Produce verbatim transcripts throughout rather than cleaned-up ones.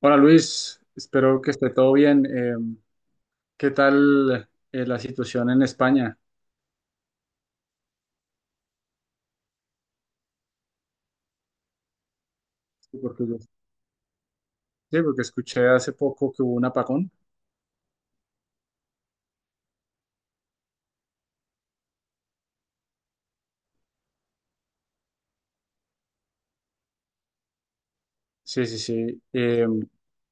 Hola Luis, espero que esté todo bien. Eh, ¿qué tal eh, la situación en España? Sí, porque, yo- sí, porque escuché hace poco que hubo un apagón. Sí, sí, sí. Eh,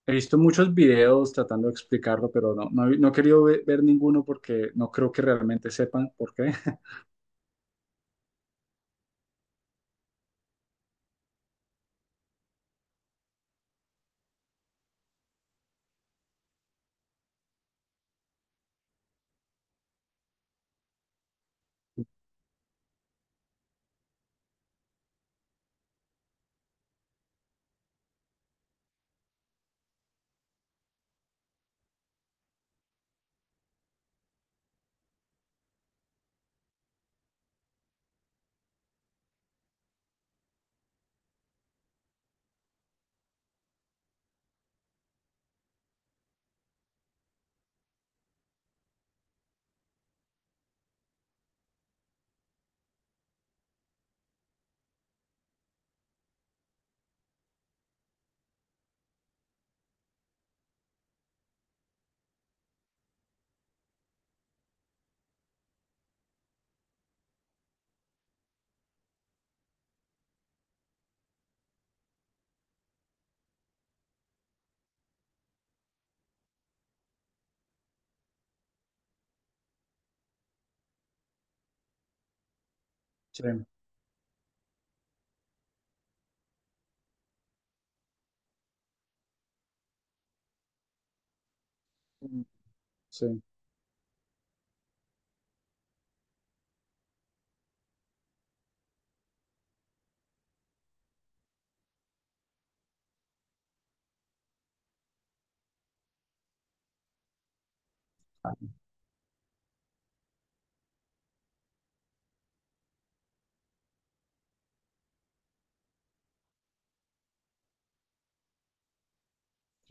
He visto muchos videos tratando de explicarlo, pero no, no, he no he querido ve- ver ninguno porque no creo que realmente sepan por qué. Sí, sí.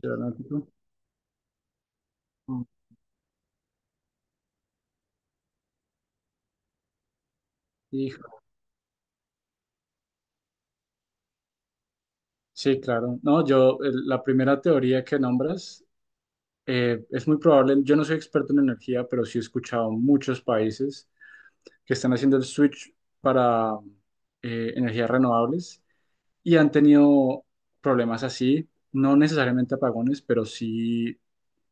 Sí, ¿verdad? Mm. Hijo. Sí, claro. No, yo, el- la primera teoría que nombras, eh, es muy probable, yo no soy experto en energía, pero sí he escuchado muchos países que están haciendo el switch para eh, energías renovables y han tenido problemas así, no necesariamente apagones, pero sí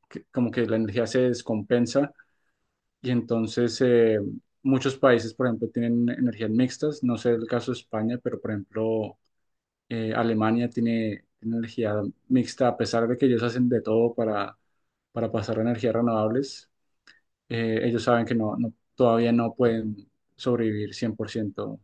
que- como que la energía se descompensa y entonces, eh, muchos países, por ejemplo, tienen energías mixtas, no sé el caso de España, pero por ejemplo, eh, Alemania tiene tiene energía mixta a pesar de que ellos hacen de todo para, para pasar a energías renovables. Eh, ellos saben que no, no- todavía no pueden sobrevivir cien por ciento.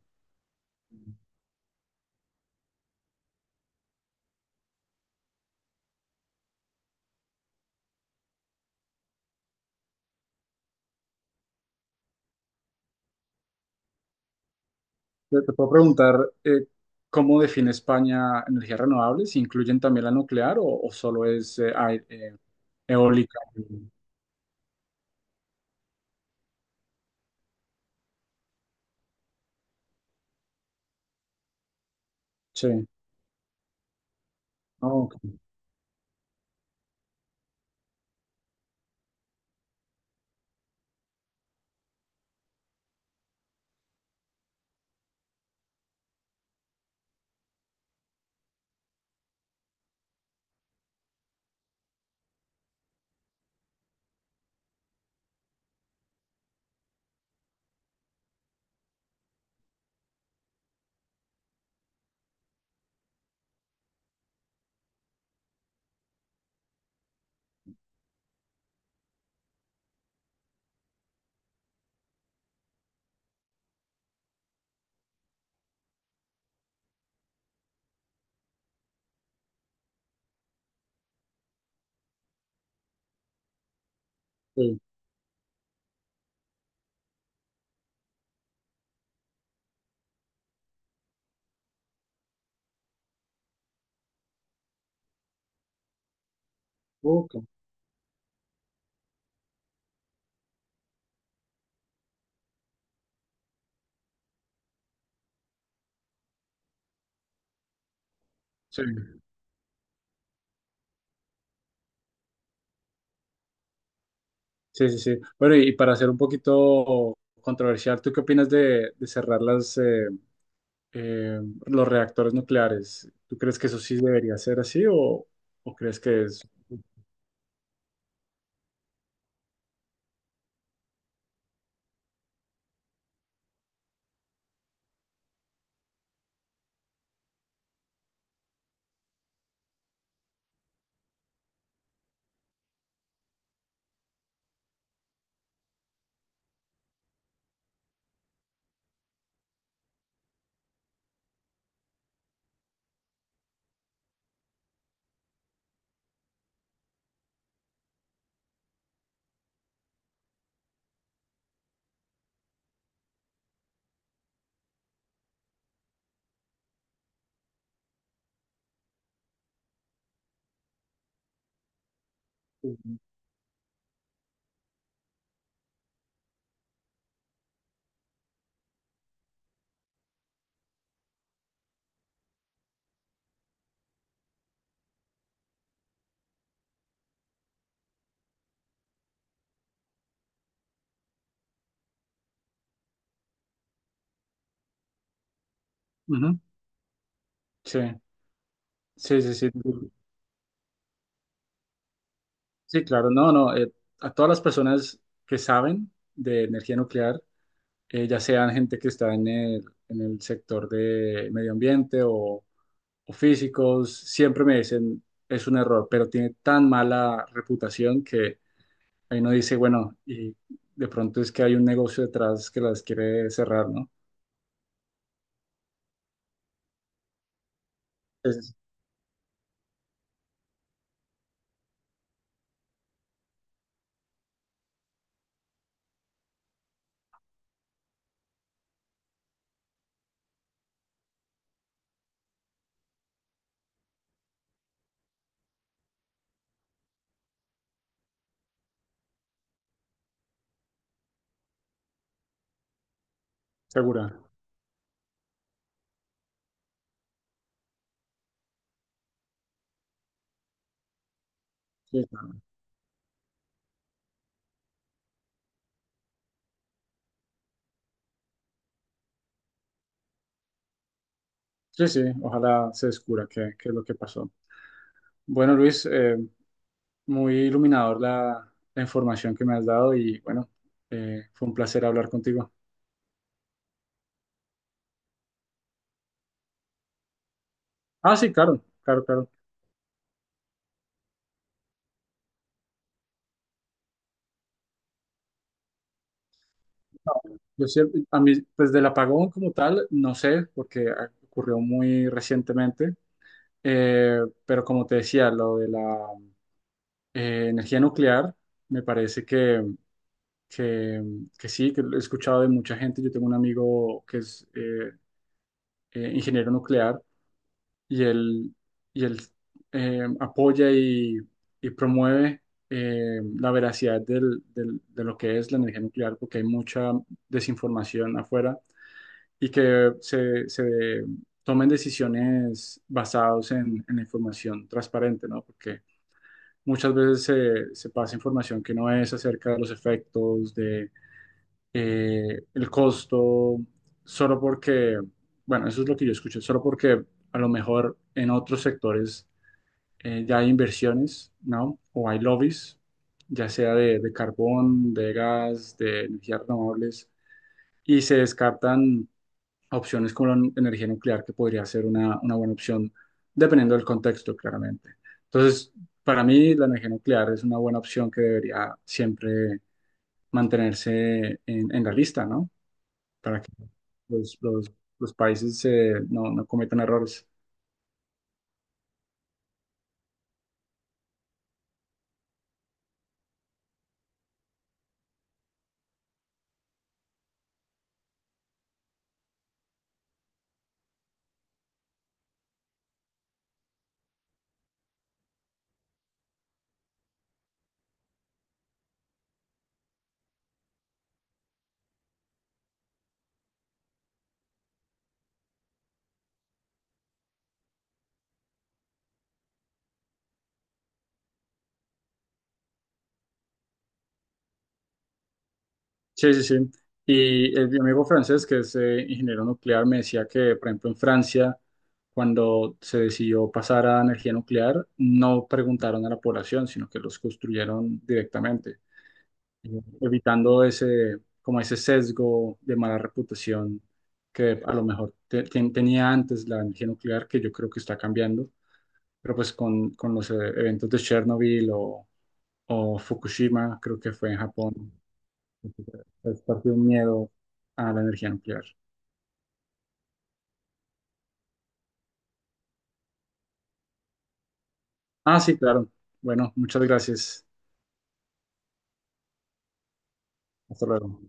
Te te puedo preguntar, eh, ¿cómo define España energías renovables? ¿Incluyen también la nuclear o, o solo es eh, ai- eh, eólica? Sí. Ah, ok, sí, ok, sí, sí, sí, sí. Bueno, y para ser un poquito controversial, ¿tú qué opinas de, de cerrar las, eh, eh, los reactores nucleares? ¿Tú crees que eso sí debería ser así o, o crees que es... Ujú. Sí, sí, sí, sí. Sí, claro, no, no. Eh, a todas las personas que saben de energía nuclear, eh, ya sean gente que está en el, en el sector de medio ambiente o, o físicos, siempre me dicen es un error, pero tiene tan mala reputación que ahí uno dice, bueno, y de pronto es que hay un negocio detrás que las quiere cerrar, ¿no? Es segura. Sí, claro. Sí, sí, ojalá se descubra qué, qué es lo que pasó. Bueno, Luis, eh, muy iluminador la, la información que me has dado y bueno, eh, fue un placer hablar contigo. Ah, sí, claro, claro, claro. No, yo siempre- a mí, pues del apagón como tal, no sé, porque ah, ocurrió muy recientemente. Eh, pero como te decía, lo de la eh, energía nuclear, me parece que, que, que sí, que lo he escuchado de mucha gente. Yo tengo un amigo que es eh, eh, ingeniero nuclear, y él, y él eh, apoya y, y promueve eh, la veracidad del- del- de lo que es la energía nuclear, porque hay mucha desinformación afuera y que se, se tomen decisiones basadas en, en la información transparente, ¿no? Porque muchas veces se, se pasa información que no es acerca de los efectos, eh, el costo, solo porque, bueno, eso es lo que yo escuché, solo porque a lo mejor en otros sectores eh, ya hay inversiones, ¿no? O hay lobbies, ya sea de, de carbón, de gas, de energías renovables, y se descartan opciones como la nu- energía nuclear, que podría ser una, una buena opción, dependiendo del contexto, claramente. Entonces, para mí, la energía nuclear es una buena opción que debería siempre mantenerse en en la lista, ¿no? Para que los, los, los países eh, no, no cometan errores. Sí, sí, sí. Y el, mi amigo francés, que es eh, ingeniero nuclear, me decía que, por ejemplo, en Francia, cuando se decidió pasar a energía nuclear, no preguntaron a la población, sino que los construyeron directamente, eh, evitando ese, como ese sesgo de mala reputación que a lo mejor te- te- tenía antes la energía nuclear, que yo creo que está cambiando, pero pues con, con los eh, eventos de Chernobyl o o Fukushima, creo que fue en Japón. Es parte de un miedo a la energía nuclear. Ah, sí, claro. Bueno, muchas gracias. Hasta luego.